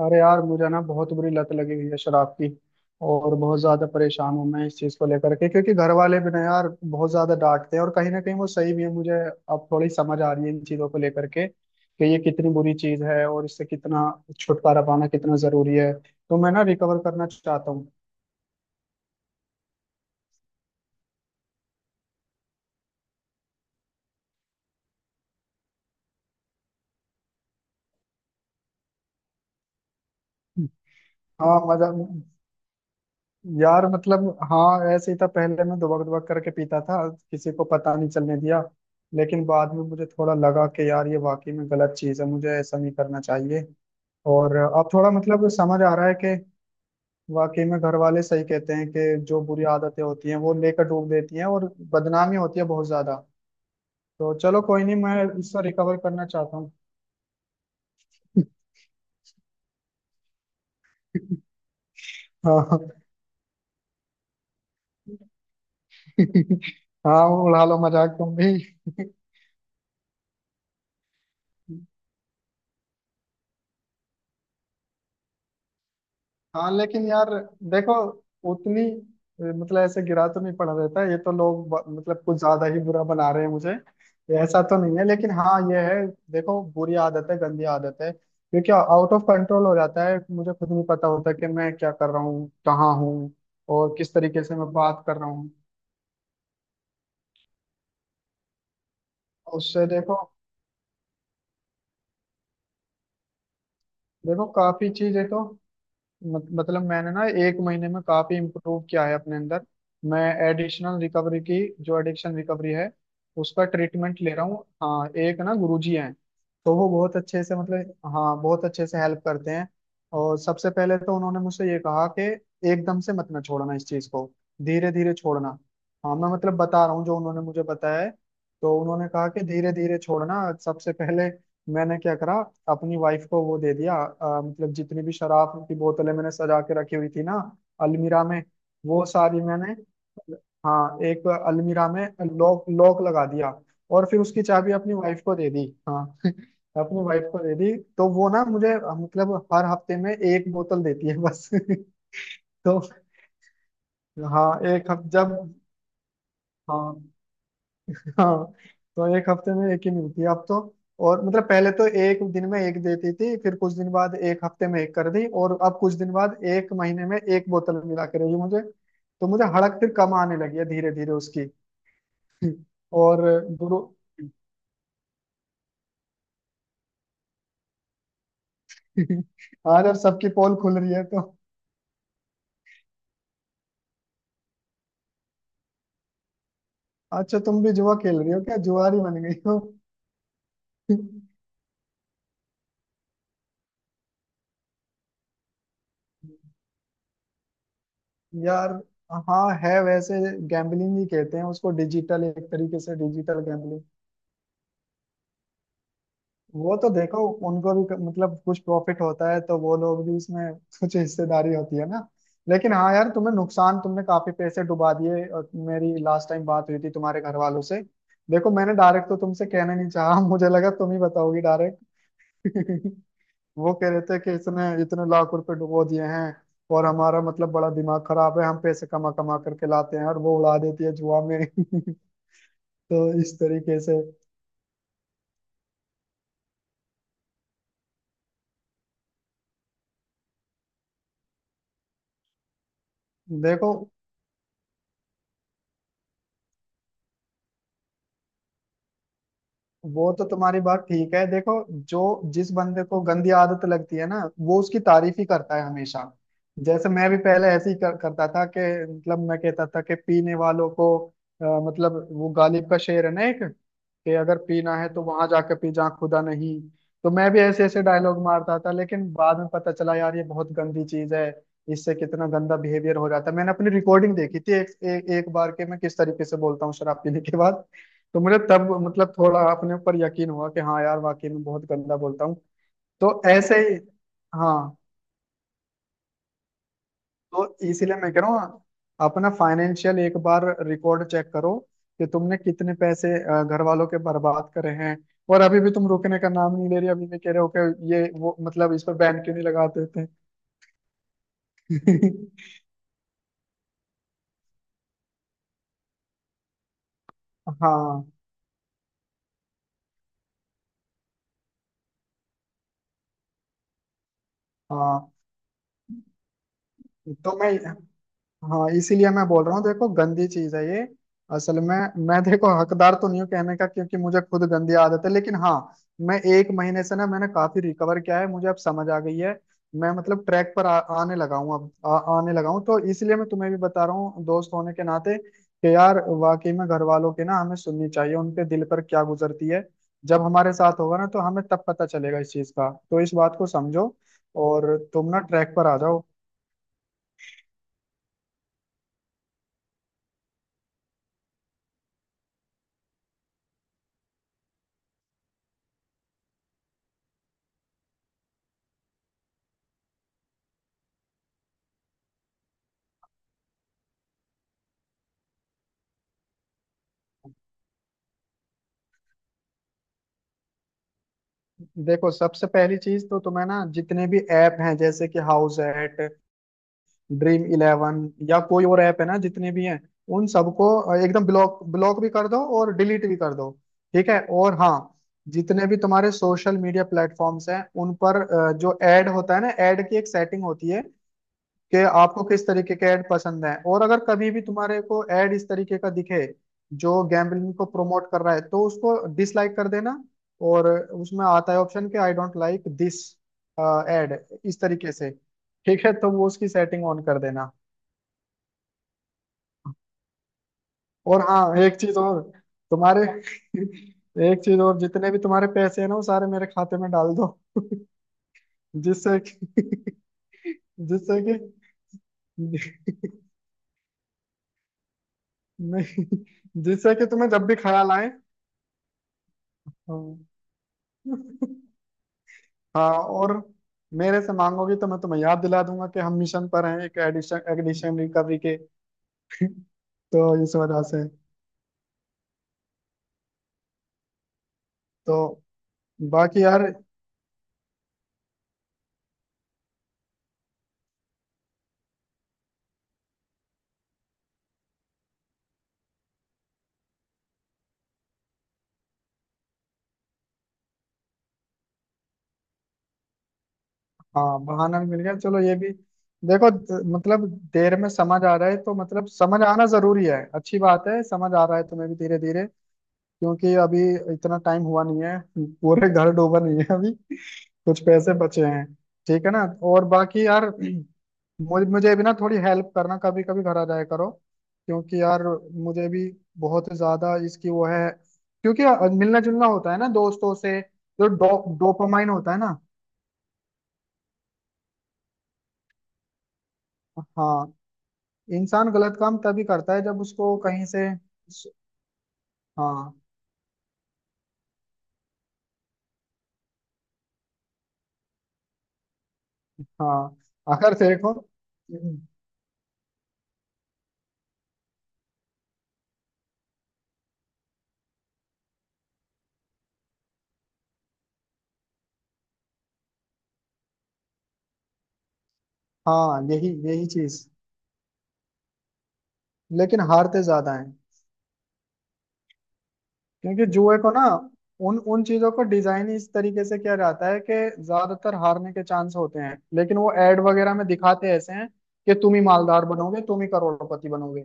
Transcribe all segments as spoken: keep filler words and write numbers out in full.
अरे यार, मुझे ना बहुत बुरी लत लगी हुई है शराब की। और बहुत ज्यादा परेशान हूँ मैं इस चीज को लेकर के, क्योंकि घर वाले भी ना यार बहुत ज्यादा डांटते हैं, और कहीं ना कहीं वो सही भी है। मुझे अब थोड़ी समझ आ रही है इन चीजों को लेकर के कि ये कितनी बुरी चीज है और इससे कितना छुटकारा पाना कितना जरूरी है। तो मैं ना रिकवर करना चाहता हूँ। हाँ, मजा। यार मतलब, हाँ ऐसे ही था। पहले मैं दुबक दुबक करके पीता था, किसी को पता नहीं चलने दिया। लेकिन बाद में मुझे थोड़ा लगा कि यार ये वाकई में गलत चीज़ है, मुझे ऐसा नहीं करना चाहिए। और अब थोड़ा मतलब समझ आ रहा है कि वाकई में घर वाले सही कहते हैं कि जो बुरी आदतें होती हैं वो लेकर डूब देती हैं, और बदनामी होती है बहुत ज्यादा। तो चलो कोई नहीं, मैं इससे रिकवर करना चाहता हूँ। हाँ। हाँ, उड़ा लो मजाक तुम भी। हाँ लेकिन यार, देखो उतनी ए, मतलब ऐसे गिरा तो नहीं पड़ा रहता है। ये तो लोग ब- मतलब कुछ ज्यादा ही बुरा बना रहे हैं मुझे। ये ऐसा तो नहीं है, लेकिन हाँ ये है, देखो बुरी आदत है, गंदी आदत है, क्योंकि आउट ऑफ कंट्रोल हो जाता है, मुझे खुद नहीं पता होता कि मैं क्या कर रहा हूँ, कहाँ हूँ और किस तरीके से मैं बात कर रहा हूँ। उससे देखो। देखो काफी चीजें तो मत, मतलब मैंने ना एक महीने में काफी इम्प्रूव किया है अपने अंदर। मैं एडिशनल रिकवरी की, जो एडिक्शन रिकवरी है, उसका ट्रीटमेंट ले रहा हूँ। हाँ, एक ना गुरुजी हैं, तो वो बहुत अच्छे से मतलब, हाँ बहुत अच्छे से हेल्प करते हैं। और सबसे पहले तो उन्होंने मुझसे ये कहा कि एकदम से मत ना छोड़ना इस चीज को, धीरे धीरे छोड़ना। हाँ मैं मतलब बता रहा हूँ जो उन्होंने मुझे बताया है। तो उन्होंने कहा कि धीरे धीरे छोड़ना। सबसे पहले मैंने क्या करा, अपनी वाइफ को वो दे दिया। अ, मतलब जितनी भी शराब की बोतलें मैंने सजा के रखी हुई थी ना, अलमीरा में, वो सारी मैंने, हाँ एक अलमीरा में लॉक लॉक लगा दिया, और फिर उसकी चाबी अपनी वाइफ को दे दी। हाँ अपनी वाइफ को दे दी, तो वो ना मुझे अ, मतलब हर हफ्ते में एक बोतल देती है बस। तो हाँ, एक हफ- जब हाँ हाँ, तो एक हफ्ते में एक ही मिलती है अब तो। और मतलब पहले तो एक दिन में एक देती थी, फिर कुछ दिन बाद एक हफ्ते में एक कर दी, और अब कुछ दिन बाद एक महीने में एक बोतल मिला करेगी मुझे। तो मुझे हड़क फिर कम आने लगी है धीरे धीरे उसकी। और गुरु। आज अब सबकी पोल खुल रही है तो। अच्छा, तुम भी जुआ खेल रही हो क्या, जुआरी बन गई हो? यार, हाँ है वैसे। गैम्बलिंग ही कहते हैं उसको, डिजिटल एक तरीके से, डिजिटल। वो तो देखो उनको भी क- मतलब कुछ प्रॉफिट होता है, तो वो लोग भी इसमें कुछ हिस्सेदारी होती है ना। लेकिन हाँ यार, तुम्हें नुकसान, तुमने काफी पैसे डुबा दिए, और मेरी लास्ट टाइम बात हुई थी तुम्हारे घर वालों से। देखो मैंने डायरेक्ट तो तुमसे कहना नहीं चाहा मुझे लगा तुम ही बताओगी डायरेक्ट। वो कह रहे थे कि इसने इतने लाख रुपए डुबो दिए हैं, और हमारा मतलब बड़ा दिमाग खराब है, हम पैसे कमा कमा करके लाते हैं और वो उड़ा देती है जुआ में। तो इस तरीके से। देखो, वो तो तुम्हारी बात ठीक है। देखो, जो जिस बंदे को गंदी आदत लगती है ना, वो उसकी तारीफ ही करता है हमेशा। जैसे मैं भी पहले ऐसे ही कर, करता था कि मतलब मैं कहता था कि पीने वालों को, अ, मतलब वो गालिब का शेर है ना एक, कि अगर पीना है तो वहां जाके पी जहाँ खुदा नहीं। तो मैं भी ऐसे ऐसे डायलॉग मारता था, लेकिन बाद में पता चला यार ये बहुत गंदी चीज है। इससे कितना गंदा बिहेवियर हो जाता है। मैंने अपनी रिकॉर्डिंग देखी थी एक, एक, एक बार के, मैं किस तरीके से बोलता हूँ शराब पीने के बाद। तो मुझे तब मतलब थोड़ा अपने ऊपर यकीन हुआ कि हाँ यार वाकई में बहुत गंदा बोलता हूँ। तो ऐसे ही। हाँ, तो इसीलिए मैं कह रहा हूँ, अपना फाइनेंशियल एक बार रिकॉर्ड चेक करो, कि तुमने कितने पैसे अ, घर वालों के बर्बाद करे हैं। और अभी भी तुम रुकने का नाम नहीं ले रही, अभी भी कह रहे हो कि ये वो मतलब इस पर बैन क्यों नहीं लगा देते। हाँ हाँ, तो मैं, हाँ इसीलिए मैं बोल रहा हूँ, देखो गंदी चीज है ये। असल में मैं देखो हकदार तो नहीं हूँ कहने का, क्योंकि मुझे खुद गंदी आदत है, लेकिन हाँ, मैं एक महीने से ना, मैंने काफी रिकवर किया है, मुझे अब समझ आ गई है। मैं मतलब ट्रैक पर आ, आने लगा हूँ, अब आ, आने लगा हूँ, तो इसलिए मैं तुम्हें भी बता रहा हूँ दोस्त होने के नाते, कि यार वाकई में घर वालों की ना हमें सुननी चाहिए, उनके दिल पर क्या गुजरती है। जब हमारे साथ होगा ना तो हमें तब पता चलेगा इस चीज का, तो इस बात को समझो। और तुम ना ट्रैक पर आ जाओ। देखो, सबसे पहली चीज तो तुम्हें ना जितने भी ऐप हैं, जैसे कि हाउस एट, ड्रीम इलेवन या कोई और ऐप है ना, जितने भी हैं उन सबको एकदम ब्लॉक ब्लॉक भी कर दो और डिलीट भी कर दो। ठीक है? और हाँ, जितने भी तुम्हारे सोशल मीडिया प्लेटफॉर्म्स हैं उन पर अ, जो ऐड होता है ना, ऐड की एक सेटिंग होती है कि आपको किस तरीके के ऐड पसंद है, और अगर कभी भी तुम्हारे को ऐड इस तरीके का दिखे जो गैम्बलिंग को प्रमोट कर रहा है, तो उसको डिसलाइक कर देना। और उसमें आता है ऑप्शन, कि I don't like this ad, इस तरीके से। ठीक है, तो वो उसकी सेटिंग ऑन कर देना। और हाँ एक चीज और, तुम्हारे एक चीज और, जितने भी तुम्हारे पैसे हैं ना, वो सारे मेरे खाते में डाल दो, जिससे कि जिससे कि नहीं, जिससे कि तुम्हें जब भी ख्याल आए। हाँ। हाँ, और मेरे से मांगोगी तो मैं तुम्हें याद दिला दूंगा कि हम मिशन पर हैं, एक एडिशन एडिशन रिकवरी के। तो इस वजह से। तो बाकी यार, हाँ बहाना भी मिल गया, चलो ये भी। देखो द- मतलब देर में समझ आ रहा है, तो मतलब समझ आना जरूरी है, अच्छी बात है, समझ आ रहा है तुम्हें भी धीरे धीरे। क्योंकि अभी इतना टाइम हुआ नहीं है, पूरे घर डूबा नहीं है अभी, कुछ पैसे बचे हैं। ठीक है ना। और बाकी यार, मुझे मुझे भी ना थोड़ी हेल्प करना, कभी कभी घर आ जाया करो, क्योंकि यार मुझे भी बहुत ज्यादा इसकी वो है, क्योंकि मिलना जुलना होता है ना दोस्तों से, जो डो, डोपामाइन होता है ना। हाँ, इंसान गलत काम तभी करता है जब उसको कहीं से। हाँ हाँ, अगर देखो, हाँ यही यही चीज, लेकिन हारते ज्यादा हैं, क्योंकि जुए को ना, उन उन चीजों को डिजाइन ही इस तरीके से किया जाता है कि ज्यादातर हारने के चांस होते हैं, लेकिन वो एड वगैरह में दिखाते ऐसे हैं कि तुम ही मालदार बनोगे, तुम ही करोड़पति बनोगे।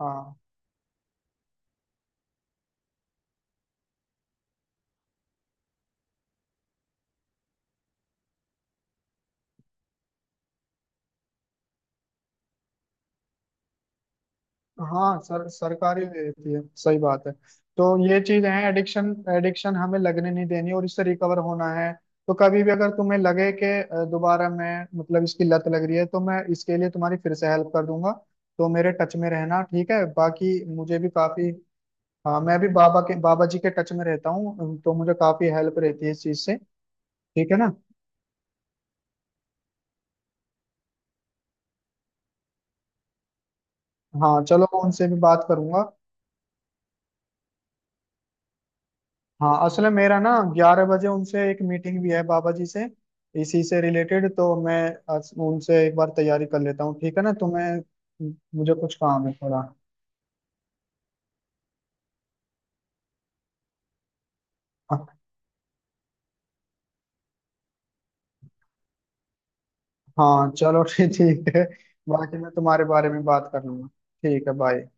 हाँ, हाँ सर सरकारी भी रहती है, सही बात है। तो ये चीज है, एडिक्शन एडिक्शन हमें लगने नहीं देनी और इससे रिकवर होना है। तो कभी भी अगर तुम्हें लगे कि अ, दोबारा मैं मतलब इसकी लत लग रही है, तो मैं इसके लिए तुम्हारी फिर से हेल्प कर दूंगा। तो मेरे टच में रहना। ठीक है, बाकी मुझे भी काफी। हाँ, मैं भी बाबा के बाबा जी के टच में रहता हूँ, तो मुझे काफी हेल्प रहती है इस चीज से। ठीक है ना। हाँ चलो, मैं उनसे भी बात करूंगा। हाँ असल में मेरा ना ग्यारह बजे उनसे एक मीटिंग भी है बाबा जी से, इसी से रिलेटेड। तो मैं अस- उनसे एक बार तैयारी कर लेता हूँ। ठीक है ना तुम्हें, मुझे कुछ काम है थोड़ा। हाँ चलो ठीक ठीक है। बाकी मैं तुम्हारे बारे में बात कर लूंगा। ठीक है, बाय।